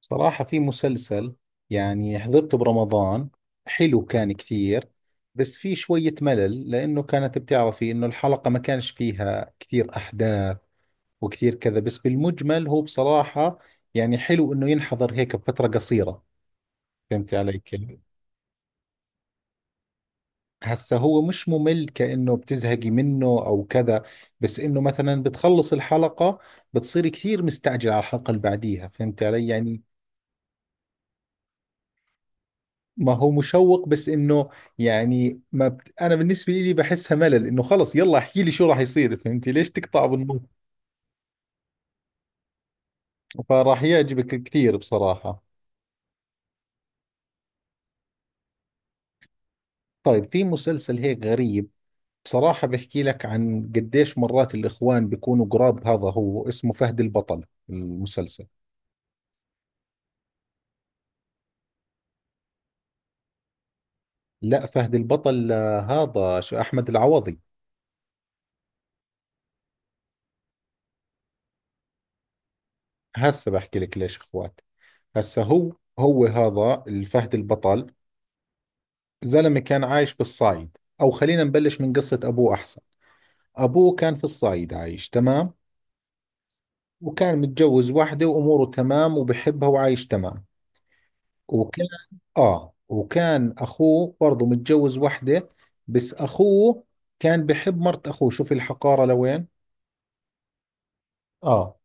صراحة في مسلسل، يعني حضرته برمضان، حلو كان كثير. بس في شوية ملل لأنه كانت بتعرفي إنه الحلقة ما كانش فيها كثير أحداث وكثير كذا. بس بالمجمل هو بصراحة يعني حلو إنه ينحضر هيك بفترة قصيرة. فهمت علي كيف؟ هسا هو مش ممل كأنه بتزهقي منه أو كذا، بس إنه مثلا بتخلص الحلقة بتصيري كثير مستعجلة على الحلقة اللي بعديها. فهمت علي يعني. ما هو مشوق، بس انه يعني ما بت... انا بالنسبه لي بحسها ملل، انه خلص يلا احكي لي شو راح يصير. فهمتي ليش تقطع بالنص. فراح يعجبك كثير بصراحه. طيب في مسلسل هيك غريب، بصراحه بحكي لك عن قديش مرات الاخوان بيكونوا قراب. هذا هو اسمه فهد البطل المسلسل. لا فهد البطل، هذا شو احمد العوضي. هسه بحكي لك ليش اخوات. هسه هو، هذا الفهد البطل، زلمة كان عايش بالصايد. أو خلينا نبلش من قصة أبوه أحسن. أبوه كان في الصايد عايش تمام، وكان متجوز واحدة وأموره تمام وبحبها وعايش تمام. وكان، وكان أخوه برضه متجوز واحدة، بس أخوه كان بحب مرت أخوه. شوف الحقارة لوين. آه.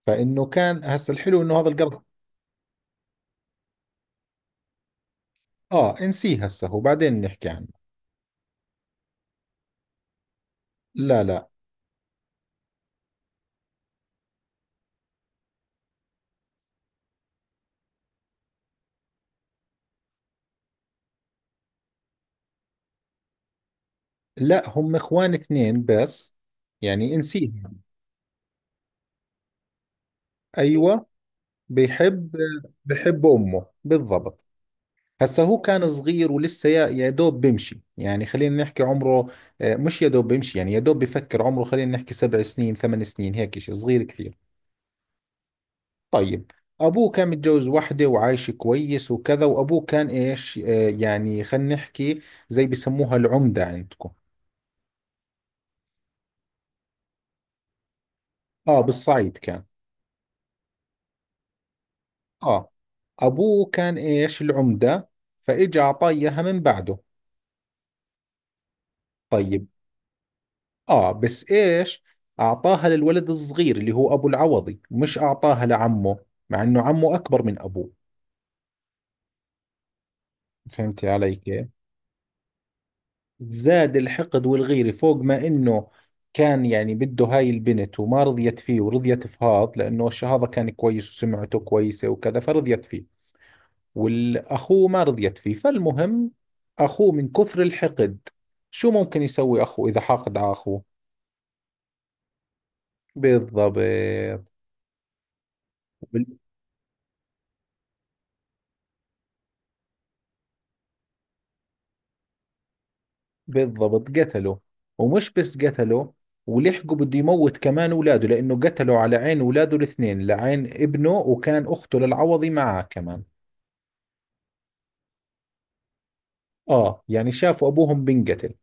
فإنه كان هسا الحلو إنه هذا القرض. آه انسيه، هسا هو بعدين نحكي عنه. لا لا. لا هم إخوان اثنين بس. يعني انسيه. ايوه. بيحب بيحب أمه بالضبط. هسا هو كان صغير، ولسه يا دوب بيمشي. يعني خلينا نحكي عمره، مش يا دوب بيمشي يعني يا دوب بفكر عمره. خلينا نحكي 7 سنين 8 سنين، هيك شيء صغير كثير. طيب، أبوه كان متجوز وحده وعايش كويس وكذا. وأبوه كان إيش، يعني خلينا نحكي زي بسموها العمدة عندكم. آه بالصعيد كان. آه، أبوه كان إيش العمدة، فإجا أعطاه إياها من بعده. طيب. آه بس إيش، أعطاها للولد الصغير اللي هو أبو العوضي، مش أعطاها لعمه، مع إنه عمه أكبر من أبوه. فهمتي علي كيف. زاد الحقد والغيرة فوق ما إنه كان يعني بده هاي البنت وما رضيت فيه، ورضيت فهاض لأنه هذا كان كويس وسمعته كويسة وكذا فرضيت فيه، والأخوه ما رضيت فيه. فالمهم، أخوه من كثر الحقد، شو ممكن يسوي أخوه إذا حاقد على أخوه؟ بالضبط. بالضبط قتله. ومش بس قتله، ولحقه بده يموت كمان اولاده، لانه قتله على عين اولاده الاثنين، لعين ابنه، وكان اخته للعوضي معاه كمان. اه يعني شافوا ابوهم بنقتل.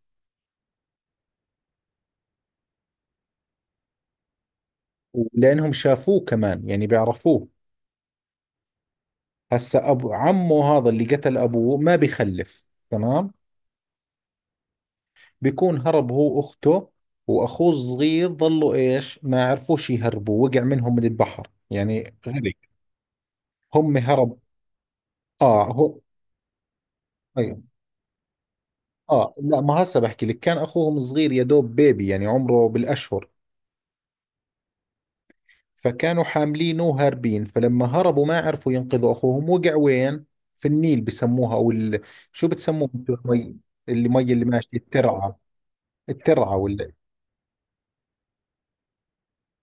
ولانهم شافوه كمان يعني بيعرفوه. هسا ابو عمه هذا اللي قتل ابوه ما بيخلف. تمام. بيكون هرب هو واخته، واخوه الصغير ظلوا ايش، ما عرفوش يهربوا، وقع منهم من البحر يعني غرق. هم هرب. اه هو. أيوة. اه لا، ما هسه بحكي لك، كان اخوهم صغير يا دوب بيبي، يعني عمره بالاشهر. فكانوا حاملينه وهاربين، فلما هربوا ما عرفوا ينقذوا اخوهم، وقع وين، في النيل بسموها شو بتسموها انتوا، المي اللي مي اللي ماشي، الترعه، الترعه ولا.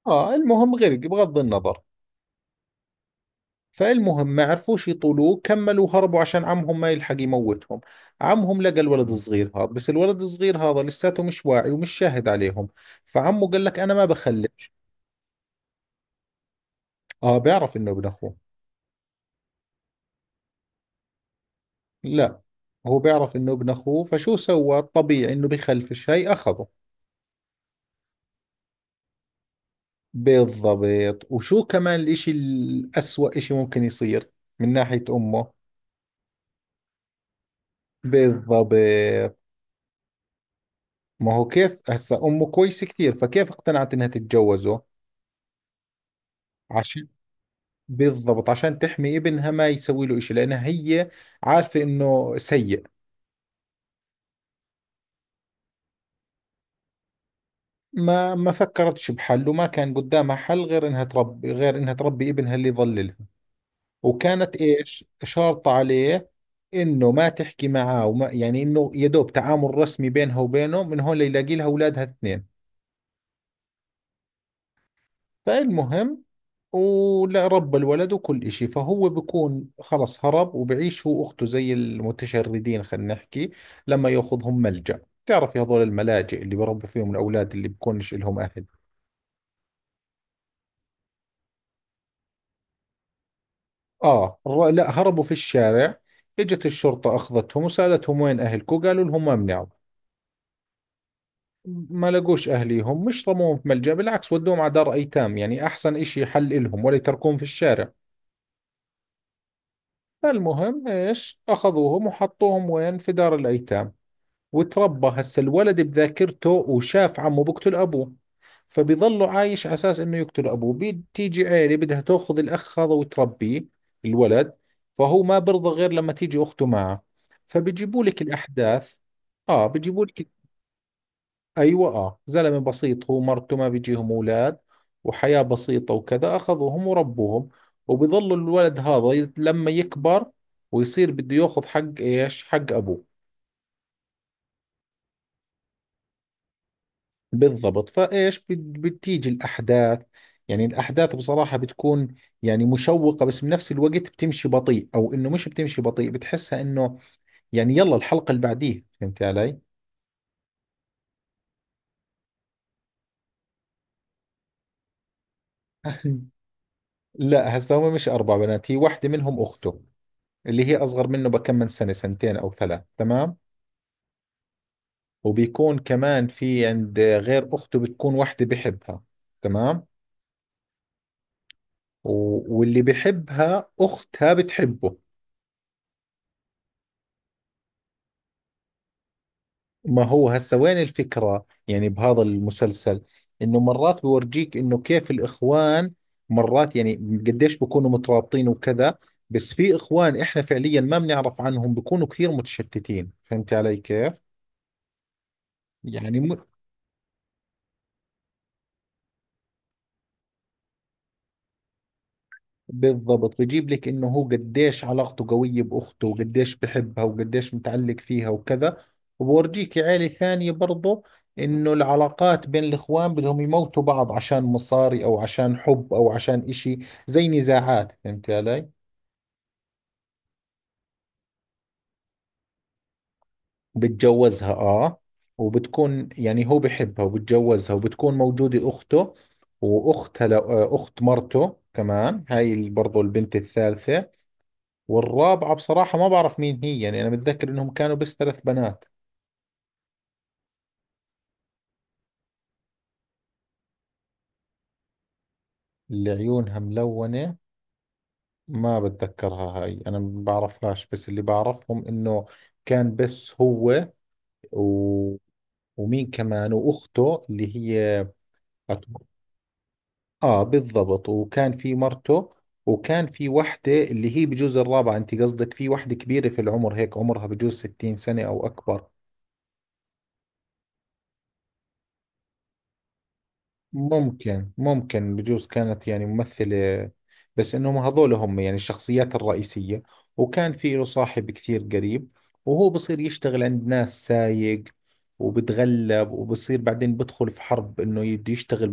اه المهم غرق بغض النظر. فالمهم ما عرفوش يطولوه، كملوا هربوا عشان عمهم ما يلحق يموتهم. عمهم لقى الولد الصغير هذا، بس الولد الصغير هذا لساته مش واعي ومش شاهد عليهم. فعمه قال لك انا ما بخلي. اه بيعرف انه ابن اخوه. لا، هو بيعرف انه ابن اخوه، فشو سوى الطبيعي، انه بخلف الشيء اخذه. بالضبط. وشو كمان الاشي الاسوأ اشي ممكن يصير من ناحية امه. بالضبط. ما هو كيف هسا، امه كويسة كثير، فكيف اقتنعت انها تتجوزه؟ عشان، بالضبط عشان تحمي ابنها ما يسوي له اشي، لانها هي عارفة انه سيء. ما فكرتش بحل، وما كان قدامها حل غير انها تربي ابنها اللي يضللها. وكانت ايش شرط عليه، انه ما تحكي معاه وما يعني انه يا دوب تعامل رسمي بينها وبينه، من هون ليلاقي لها اولادها اثنين. فالمهم، ولا رب الولد وكل إشي. فهو بكون خلص هرب وبعيش هو وأخته زي المتشردين خلينا نحكي، لما يأخذهم ملجأ. تعرف هذول الملاجئ اللي بربوا فيهم الأولاد اللي بكونش لهم أهل. لا هربوا في الشارع، إجت الشرطة أخذتهم وسألتهم وين أهلكم، قالوا لهم ما بنعرف. ما لقوش أهليهم، مش رموهم في ملجأ، بالعكس ودوهم على دار أيتام، يعني أحسن إشي حل إلهم ولا يتركوهم في الشارع. فالمهم إيش، أخذوهم وحطوهم وين، في دار الأيتام. وتربى هسا الولد بذاكرته، وشاف عمه بقتل أبوه، فبيظله عايش على أساس إنه يقتل أبوه. بتيجي عيلة بدها تأخذ الأخ هذا وتربيه، الولد، فهو ما برضى غير لما تيجي أخته معه. فبيجيبوا لك الأحداث. آه بيجيبوا لك. ايوه، اه، زلمه بسيط هو مرته ما بيجيهم اولاد، وحياه بسيطه وكذا، اخذوهم وربوهم. وبيظل الولد هذا لما يكبر ويصير بده ياخذ حق ايش، حق ابوه. بالضبط. فايش بتيجي الاحداث. يعني الاحداث بصراحه بتكون يعني مشوقه، بس بنفس الوقت بتمشي بطيء، او انه مش بتمشي بطيء، بتحسها انه يعني يلا الحلقه اللي بعديها. فهمت علي. لا هسا هم مش اربع بنات، هي واحده منهم اخته اللي هي أصغر منه بكم، من سنة سنتين أو ثلاث تمام. وبيكون كمان في عند، غير أخته، بتكون وحدة بحبها. تمام. واللي بحبها أختها بتحبه. ما هو هسا وين الفكرة يعني بهذا المسلسل، إنه مرات بورجيك إنه كيف الإخوان مرات يعني قديش بكونوا مترابطين وكذا، بس في إخوان إحنا فعليا ما بنعرف عنهم بكونوا كثير متشتتين. فهمت علي كيف؟ يعني م... بالضبط، بيجيب لك انه هو قديش علاقته قوية باخته وقديش بحبها وقديش متعلق فيها وكذا. وبورجيك عيلة ثانية برضه، انه العلاقات بين الاخوان بدهم يموتوا بعض عشان مصاري او عشان حب او عشان اشي زي نزاعات. فهمت علي. بتجوزها اه. وبتكون يعني هو بحبها وبتجوزها، وبتكون موجودة اخته، واختها اخت مرته كمان هاي برضه البنت الثالثة. والرابعة بصراحة ما بعرف مين هي، يعني أنا متذكر إنهم كانوا بس ثلاث بنات. اللي عيونها ملونة ما بتذكرها هاي، أنا ما بعرفهاش. بس اللي بعرفهم إنه كان بس هو، و... ومين كمان، وأخته اللي هي أت- آه بالضبط، وكان في مرته، وكان في وحدة اللي هي بجوز الرابعة. أنت قصدك في وحدة كبيرة في العمر هيك عمرها بجوز 60 سنة أو أكبر. ممكن، بجوز كانت يعني ممثلة، بس انهم هذول هم يعني الشخصيات الرئيسية. وكان في له صاحب كثير قريب، وهو بصير يشتغل عند ناس سايق، وبتغلب وبصير بعدين بدخل في حرب انه يبدي يشتغل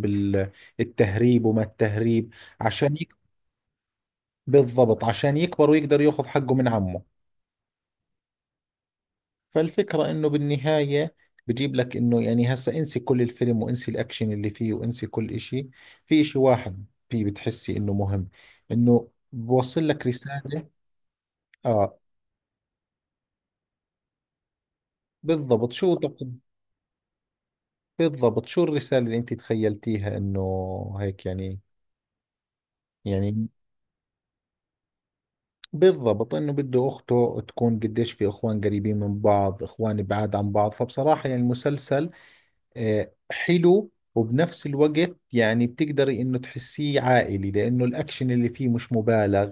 بالتهريب وما التهريب عشان بالضبط عشان يكبر ويقدر ياخذ حقه من عمه. فالفكرة انه بالنهاية بجيب لك انه، يعني هسا انسي كل الفيلم وانسي الاكشن اللي فيه وانسي كل اشي، في اشي واحد فيه بتحسي انه مهم، انه بوصل لك رسالة. اه بالضبط شو بالضبط شو الرسالة اللي انت تخيلتيها انه هيك يعني، يعني، بالضبط انه بده اخته تكون قديش في اخوان قريبين من بعض، اخوان بعاد عن بعض. فبصراحة يعني المسلسل آه، حلو، وبنفس الوقت يعني بتقدري انه تحسيه عائلي، لانه الاكشن اللي فيه مش مبالغ،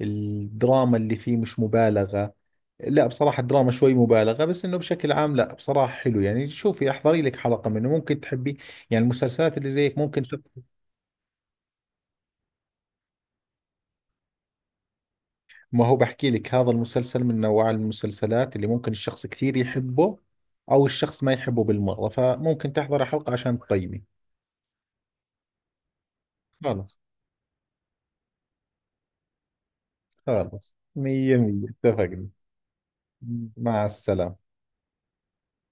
الدراما اللي فيه مش مبالغة. لا بصراحة الدراما شوي مبالغة، بس انه بشكل عام لا بصراحة حلو. يعني شوفي احضري لك حلقة منه ممكن تحبي، يعني المسلسلات اللي زيك ممكن شخص. ما هو بحكي لك، هذا المسلسل من نوع المسلسلات اللي ممكن الشخص كثير يحبه او الشخص ما يحبه بالمرة، فممكن تحضري حلقة عشان تقيمي. خلاص. خلاص مية مية اتفقنا. مع السلامة.